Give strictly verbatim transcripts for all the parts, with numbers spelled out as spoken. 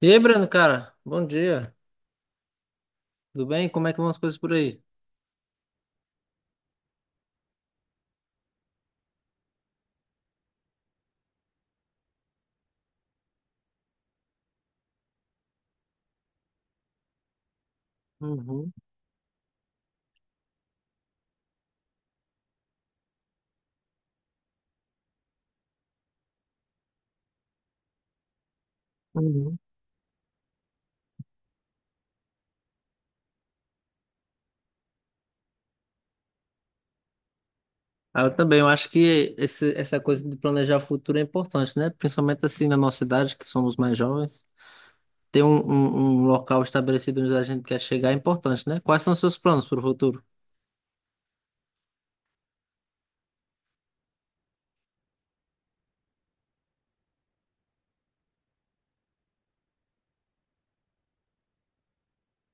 E aí, Breno, cara, bom dia. Tudo bem? Como é que vão as coisas por aí? Uhum, uhum. Ah, eu também, eu acho que esse- essa coisa de planejar o futuro é importante, né? Principalmente assim na nossa idade, que somos mais jovens. Ter um, um, um local estabelecido onde a gente quer chegar é importante, né? Quais são os seus planos para o futuro?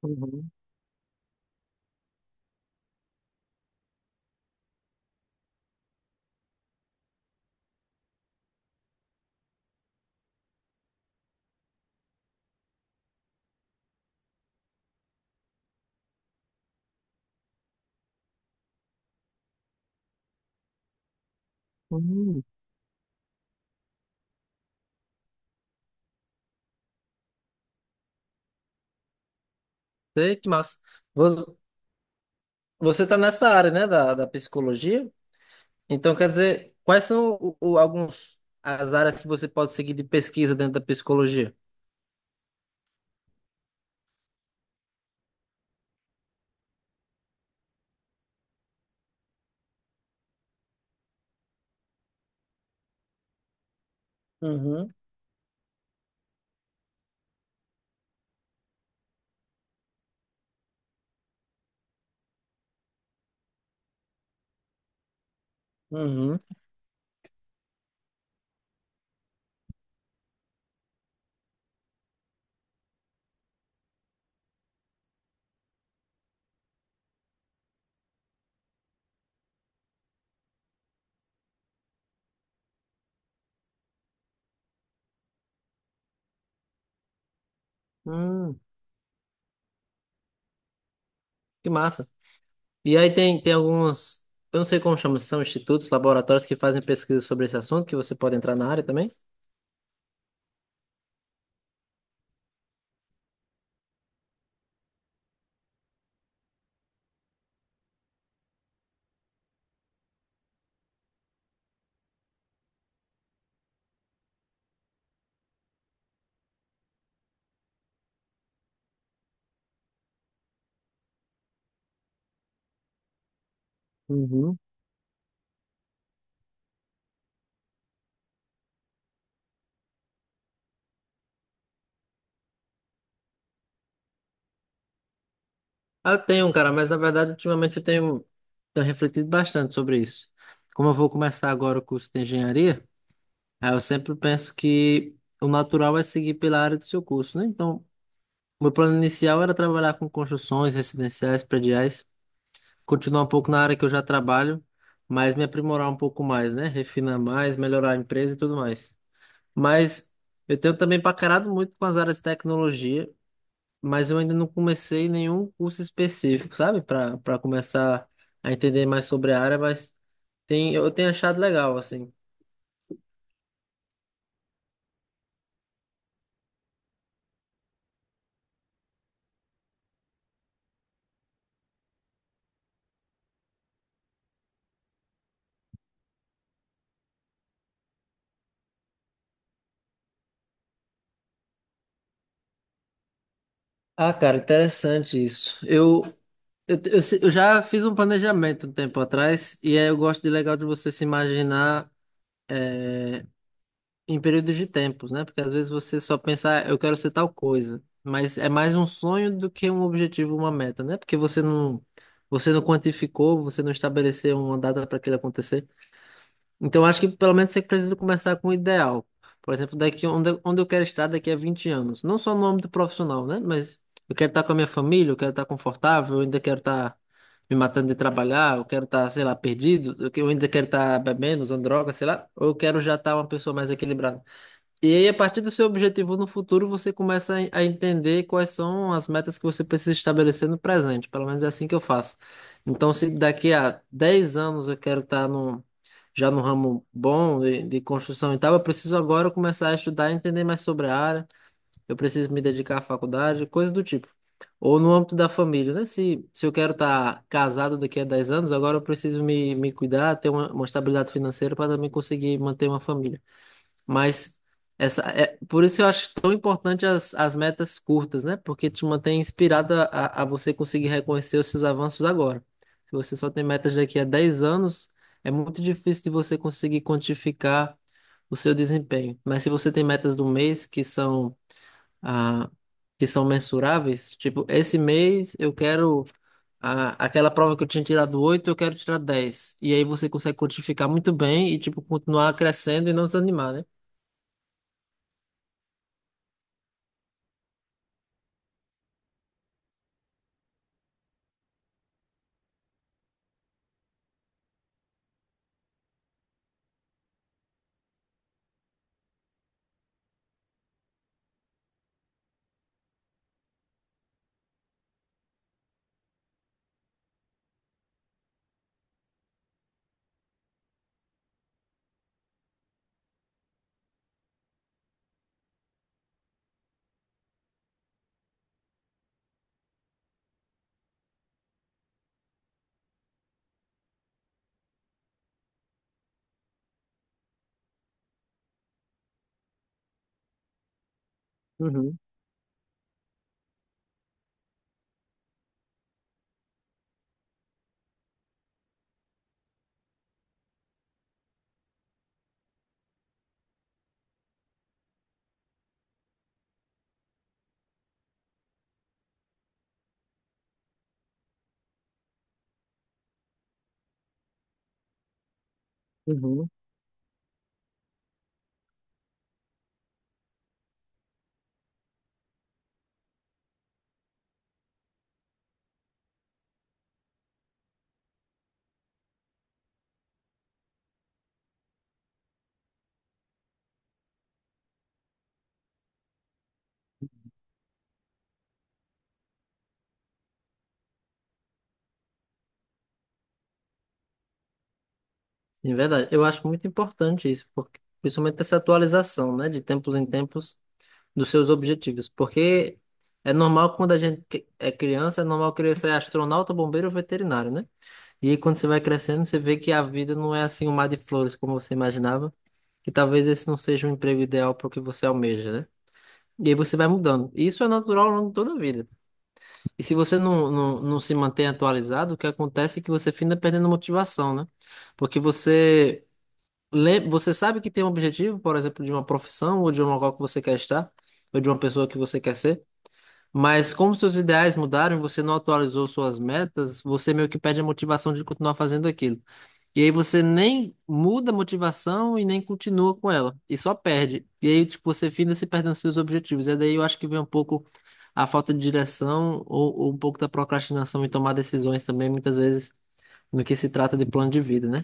Uhum, uhum. Sei que massa. Vo- Você está nessa área, né, da, da psicologia? Então, quer dizer, quais são o- o- alguns as áreas que você pode seguir de pesquisa dentro da psicologia? Uhum, uhum. Hum, que massa. E aí tem, tem alguns, eu não sei como chama, se são institutos, laboratórios que fazem pesquisa sobre esse assunto, que você pode entrar na área também? Uhum. Ah, eu tenho, um, cara, mas na verdade ultimamente eu tenho, tenho refletido bastante sobre isso. Como eu vou começar agora o curso de engenharia, aí eu sempre penso que o natural é seguir pela área do seu curso, né? Então, meu plano inicial era trabalhar com construções residenciais, prediais, continuar um pouco na área que eu já trabalho, mas me aprimorar um pouco mais, né? Refinar mais, melhorar a empresa e tudo mais. Mas eu tenho também paquerado muito com as áreas de tecnologia, mas eu ainda não comecei nenhum curso específico, sabe? Para para começar a entender mais sobre a área, mas tem, eu tenho achado legal, assim. Ah, cara, interessante isso. Eu Eu, eu, se- Eu já fiz um planejamento um tempo atrás, e aí eu gosto de legal de você se imaginar em períodos de tempos, né? Porque às vezes você só pensa, "Ah, eu quero ser tal coisa, mas é mais um sonho do que um objetivo, uma meta, né? Porque você não, você não quantificou, você não estabeleceu uma data para aquilo acontecer. Então, acho que pelo menos você precisa começar com o ideal. Por exemplo, daqui onde, onde eu quero estar daqui a vinte anos. Não só no âmbito profissional, né? Mas eu quero estar com a minha família, eu quero estar confortável, eu ainda quero estar me matando de trabalhar, eu quero estar, sei lá, perdido, eu que- eu ainda quero estar bebendo, usando droga, sei lá. Ou eu quero já estar uma pessoa mais equilibrada. E aí, a partir do seu objetivo no futuro, você começa a en- a entender quais são as metas que você precisa estabelecer no presente. Pelo menos é assim que eu faço. Então, se daqui a dez anos eu quero estar no, já no ramo bom de, de construção e tal, eu preciso agora começar a estudar e entender mais sobre a área. Eu preciso me dedicar à faculdade, coisas do tipo. Ou no âmbito da família, né? Se, se eu quero estar casado daqui a dez anos, agora eu preciso me, me cuidar, ter uma, uma estabilidade financeira para também conseguir manter uma família. Mas essa é por isso eu acho tão importante as, as metas curtas, né? Porque te mantém inspirada a, a você conseguir reconhecer os seus avanços agora. Se você só tem metas daqui a dez anos, é muito difícil de você conseguir quantificar o seu desempenho. Mas se você tem metas do mês que são ah, que são mensuráveis, tipo, esse mês eu quero a aquela prova que eu tinha tirado oito eu quero tirar dez. E aí você consegue quantificar muito bem e tipo continuar crescendo e não desanimar, né? Uhum, uhum. Sim, é verdade. Eu acho muito importante isso, porque, principalmente essa atualização, né, de tempos em tempos dos seus objetivos, porque é normal quando a gente que- é criança, é normal querer ser astronauta, bombeiro ou veterinário, né? E aí, quando você vai crescendo, você vê que a vida não é assim um mar de flores como você imaginava, que talvez esse não seja o emprego ideal para o que você almeja, né? E aí você vai mudando. E isso é natural ao longo de toda a vida. E se você não, não, não se mantém atualizado, o que acontece é que você finda perdendo motivação, né? Porque você, lê- você sabe que tem um objetivo, por exemplo, de uma profissão, ou de um local que você quer estar, ou de uma pessoa que você quer ser, mas como seus ideais mudaram e você não atualizou suas metas, você meio que perde a motivação de continuar fazendo aquilo. E aí você nem muda a motivação e nem continua com ela. E só perde. E aí, tipo, você finda se perdendo nos seus objetivos. E daí eu acho que vem um pouco a falta de direção ou, ou um pouco da procrastinação em tomar decisões também, muitas vezes, no que se trata de plano de vida, né?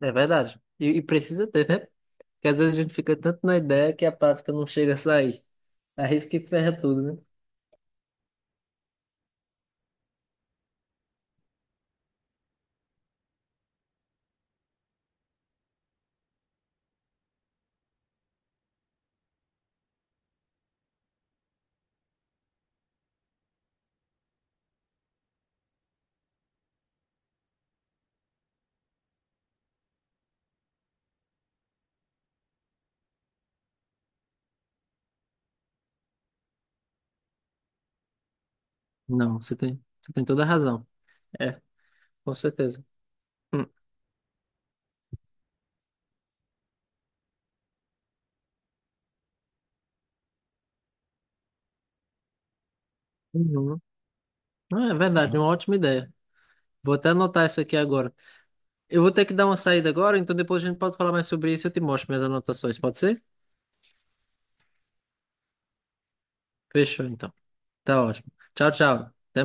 É verdade. E, e precisa ter, né? Porque às vezes a gente fica tanto na ideia que a prática não chega a sair. Arrisca que ferra tudo, né? Não, você tem, você tem toda a razão. É, com certeza. Hum. Uhum. Ah, é verdade, é uma ótima ideia. Vou até anotar isso aqui agora. Eu vou ter que dar uma saída agora, então depois a gente pode falar mais sobre isso e eu te mostro minhas anotações, pode ser? Fechou, então. Tá ótimo. Tchau, tchau. Até